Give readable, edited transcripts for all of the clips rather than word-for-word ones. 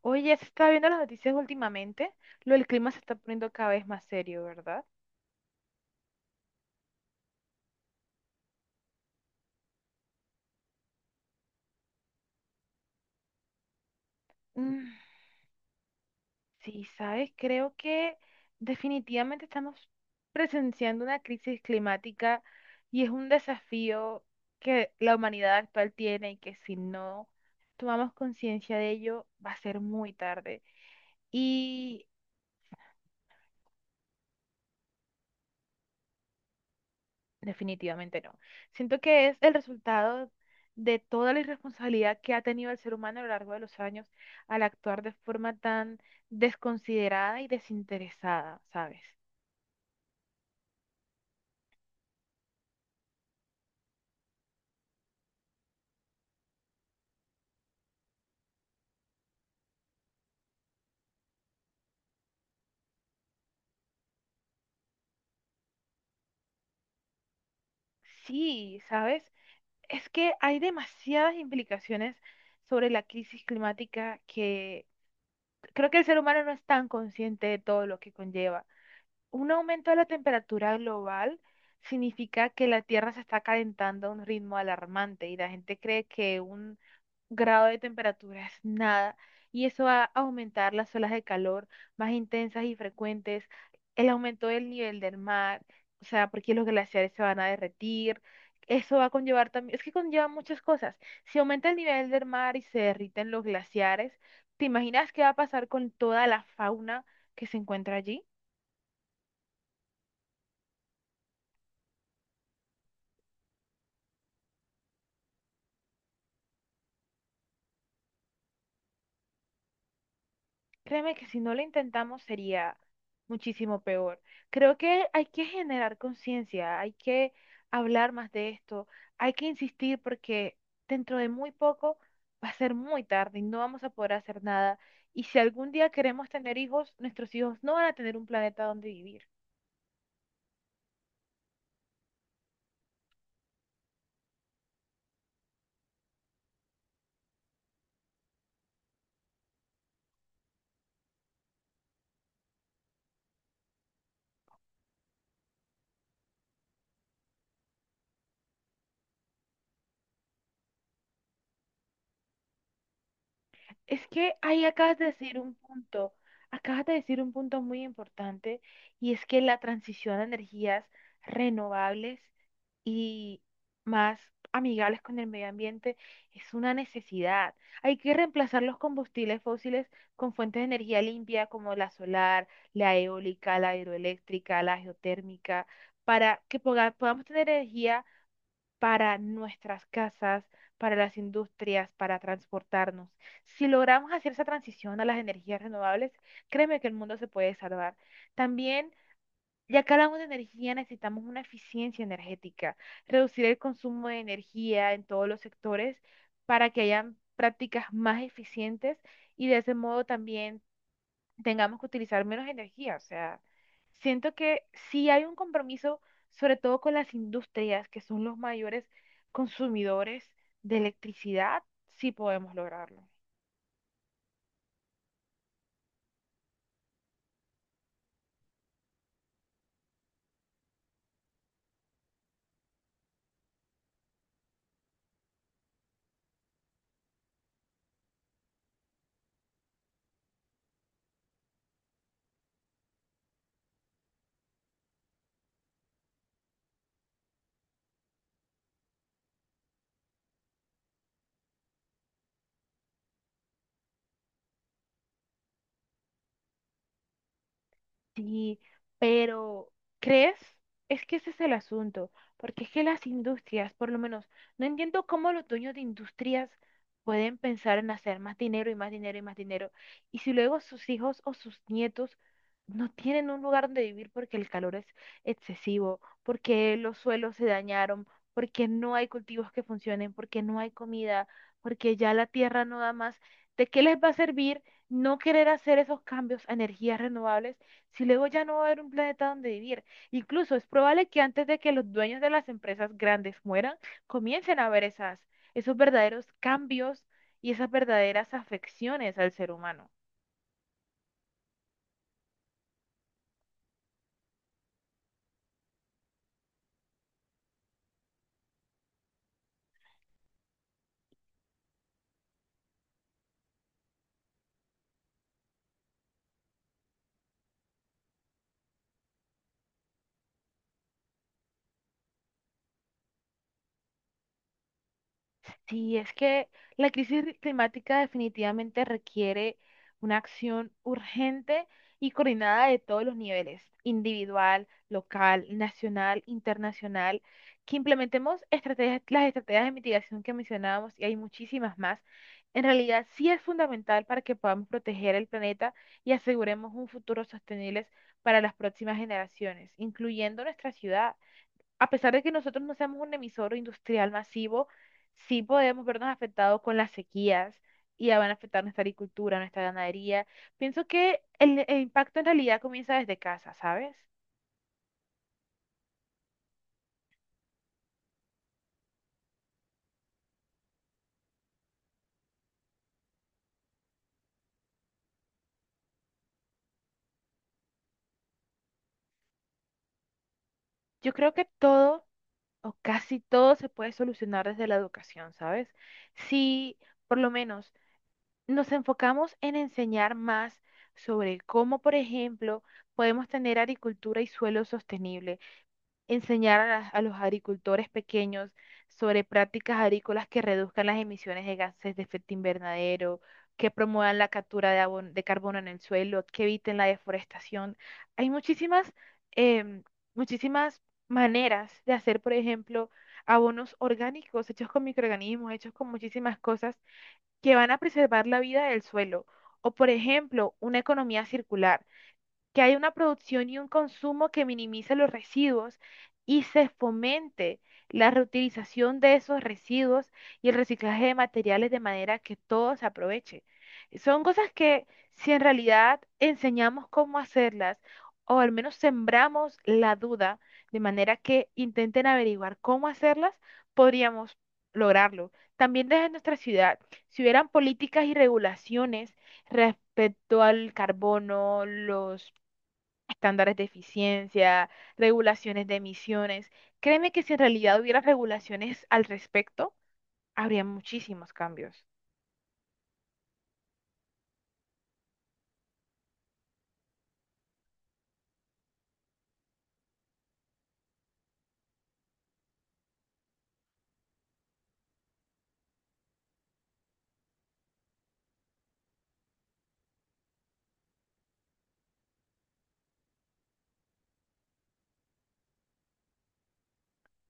Oye, se está viendo las noticias últimamente. Lo del clima se está poniendo cada vez más serio, ¿verdad? Mm, sí, sabes, creo que definitivamente estamos presenciando una crisis climática y es un desafío que la humanidad actual tiene y que si no tomamos conciencia de ello va a ser muy tarde. Y Definitivamente no. Siento que es el resultado de toda la irresponsabilidad que ha tenido el ser humano a lo largo de los años al actuar de forma tan desconsiderada y desinteresada, ¿sabes? Sí, ¿sabes? Es que hay demasiadas implicaciones sobre la crisis climática que creo que el ser humano no es tan consciente de todo lo que conlleva. Un aumento de la temperatura global significa que la Tierra se está calentando a un ritmo alarmante y la gente cree que un grado de temperatura es nada y eso va a aumentar las olas de calor más intensas y frecuentes, el aumento del nivel del mar, o sea, porque los glaciares se van a derretir. Eso va a conllevar también, es que conlleva muchas cosas. Si aumenta el nivel del mar y se derriten los glaciares, ¿te imaginas qué va a pasar con toda la fauna que se encuentra allí? Créeme que si no lo intentamos sería muchísimo peor. Creo que hay que generar conciencia, hay que hablar más de esto, hay que insistir porque dentro de muy poco va a ser muy tarde y no vamos a poder hacer nada. Y si algún día queremos tener hijos, nuestros hijos no van a tener un planeta donde vivir. Es que ahí acabas de decir un punto, acabas de decir un punto muy importante y es que la transición a energías renovables y más amigables con el medio ambiente es una necesidad. Hay que reemplazar los combustibles fósiles con fuentes de energía limpia como la solar, la eólica, la hidroeléctrica, la geotérmica, para que podamos tener energía para nuestras casas, para las industrias, para transportarnos. Si logramos hacer esa transición a las energías renovables, créeme que el mundo se puede salvar. También, ya que hablamos de energía, necesitamos una eficiencia energética, reducir el consumo de energía en todos los sectores para que hayan prácticas más eficientes y de ese modo también tengamos que utilizar menos energía. O sea, siento que sí hay un compromiso, sobre todo con las industrias, que son los mayores consumidores de electricidad, sí podemos lograrlo. Sí, pero ¿crees? Es que ese es el asunto, porque es que las industrias, por lo menos, no entiendo cómo los dueños de industrias pueden pensar en hacer más dinero y más dinero y más dinero, y si luego sus hijos o sus nietos no tienen un lugar donde vivir porque el calor es excesivo, porque los suelos se dañaron, porque no hay cultivos que funcionen, porque no hay comida, porque ya la tierra no da más, ¿de qué les va a servir no querer hacer esos cambios a energías renovables? Si luego ya no va a haber un planeta donde vivir. Incluso es probable que antes de que los dueños de las empresas grandes mueran, comiencen a haber esos verdaderos cambios y esas verdaderas afecciones al ser humano. Sí, es que la crisis climática definitivamente requiere una acción urgente y coordinada de todos los niveles, individual, local, nacional, internacional, que implementemos estrategias, las estrategias de mitigación que mencionábamos y hay muchísimas más. En realidad, sí es fundamental para que podamos proteger el planeta y aseguremos un futuro sostenible para las próximas generaciones, incluyendo nuestra ciudad a pesar de que nosotros no seamos un emisor industrial masivo, sí podemos vernos afectados con las sequías y ya van a afectar nuestra agricultura, nuestra ganadería. Pienso que el impacto en realidad comienza desde casa, ¿sabes? Yo creo que todo o casi todo se puede solucionar desde la educación, ¿sabes? Si por lo menos nos enfocamos en enseñar más sobre cómo, por ejemplo, podemos tener agricultura y suelo sostenible enseñar a, a los agricultores pequeños sobre prácticas agrícolas que reduzcan las emisiones de gases de efecto invernadero, que promuevan la captura de, de carbono en el suelo, que eviten la deforestación. Hay em, muchísimas maneras de hacer, por ejemplo, abonos orgánicos hechos con microorganismos, hechos con muchísimas cosas que van a preservar la vida del suelo. O, por ejemplo, una economía circular que haya una producción y un consumo que minimice los residuos y se fomente la reutilización de esos residuos y el reciclaje de materiales de manera que todo se aproveche. Son cosas que si en realidad enseñamos cómo hacerlas o al menos sembramos la duda de manera que intenten averiguar cómo hacerlas, podríamos lograrlo. También desde nuestra ciudad, si hubieran políticas y regulaciones respecto al carbono, los estándares de eficiencia, regulaciones de emisiones. Créeme que si en realidad hubiera regulaciones al respecto, habría muchísimos cambios.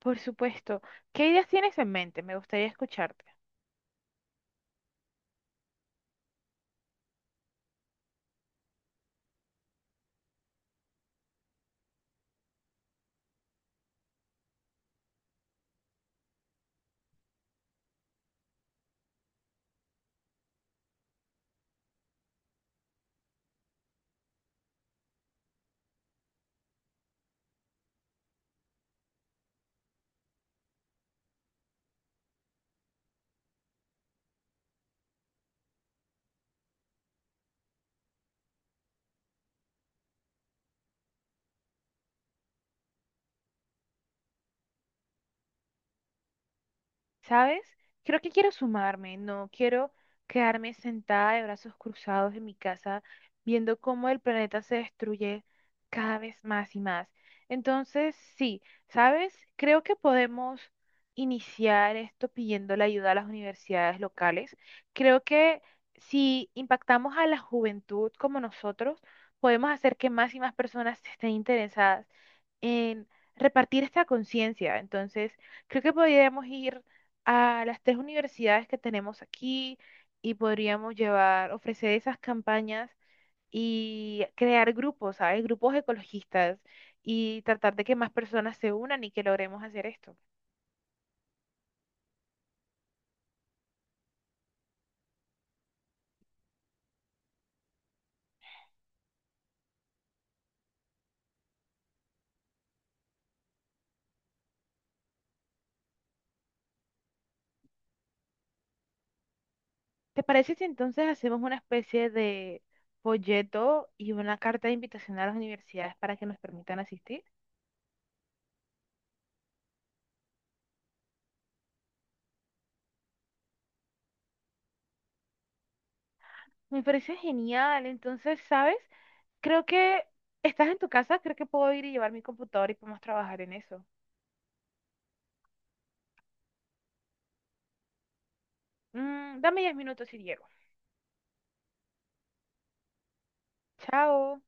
Por supuesto. ¿Qué ideas tienes en mente? Me gustaría escucharte. ¿Sabes? Creo que quiero sumarme, no quiero quedarme sentada de brazos cruzados en mi casa viendo cómo el planeta se destruye cada vez más y más. Entonces, sí, ¿sabes? Creo que podemos iniciar esto pidiendo la ayuda a las universidades locales. Creo que si impactamos a la juventud como nosotros, podemos hacer que más y más personas estén interesadas en repartir esta conciencia. Entonces, creo que podríamos ir a las tres universidades que tenemos aquí y podríamos llevar, ofrecer esas campañas y crear grupos, ¿sabes? Grupos ecologistas y tratar de que más personas se unan y que logremos hacer esto. ¿Te parece si entonces hacemos una especie de folleto y una carta de invitación a las universidades para que nos permitan asistir? Me parece genial. Entonces, ¿sabes? Creo que estás en tu casa, creo que puedo ir y llevar mi computador y podemos trabajar en eso. Dame 10 minutos y llego. Chao.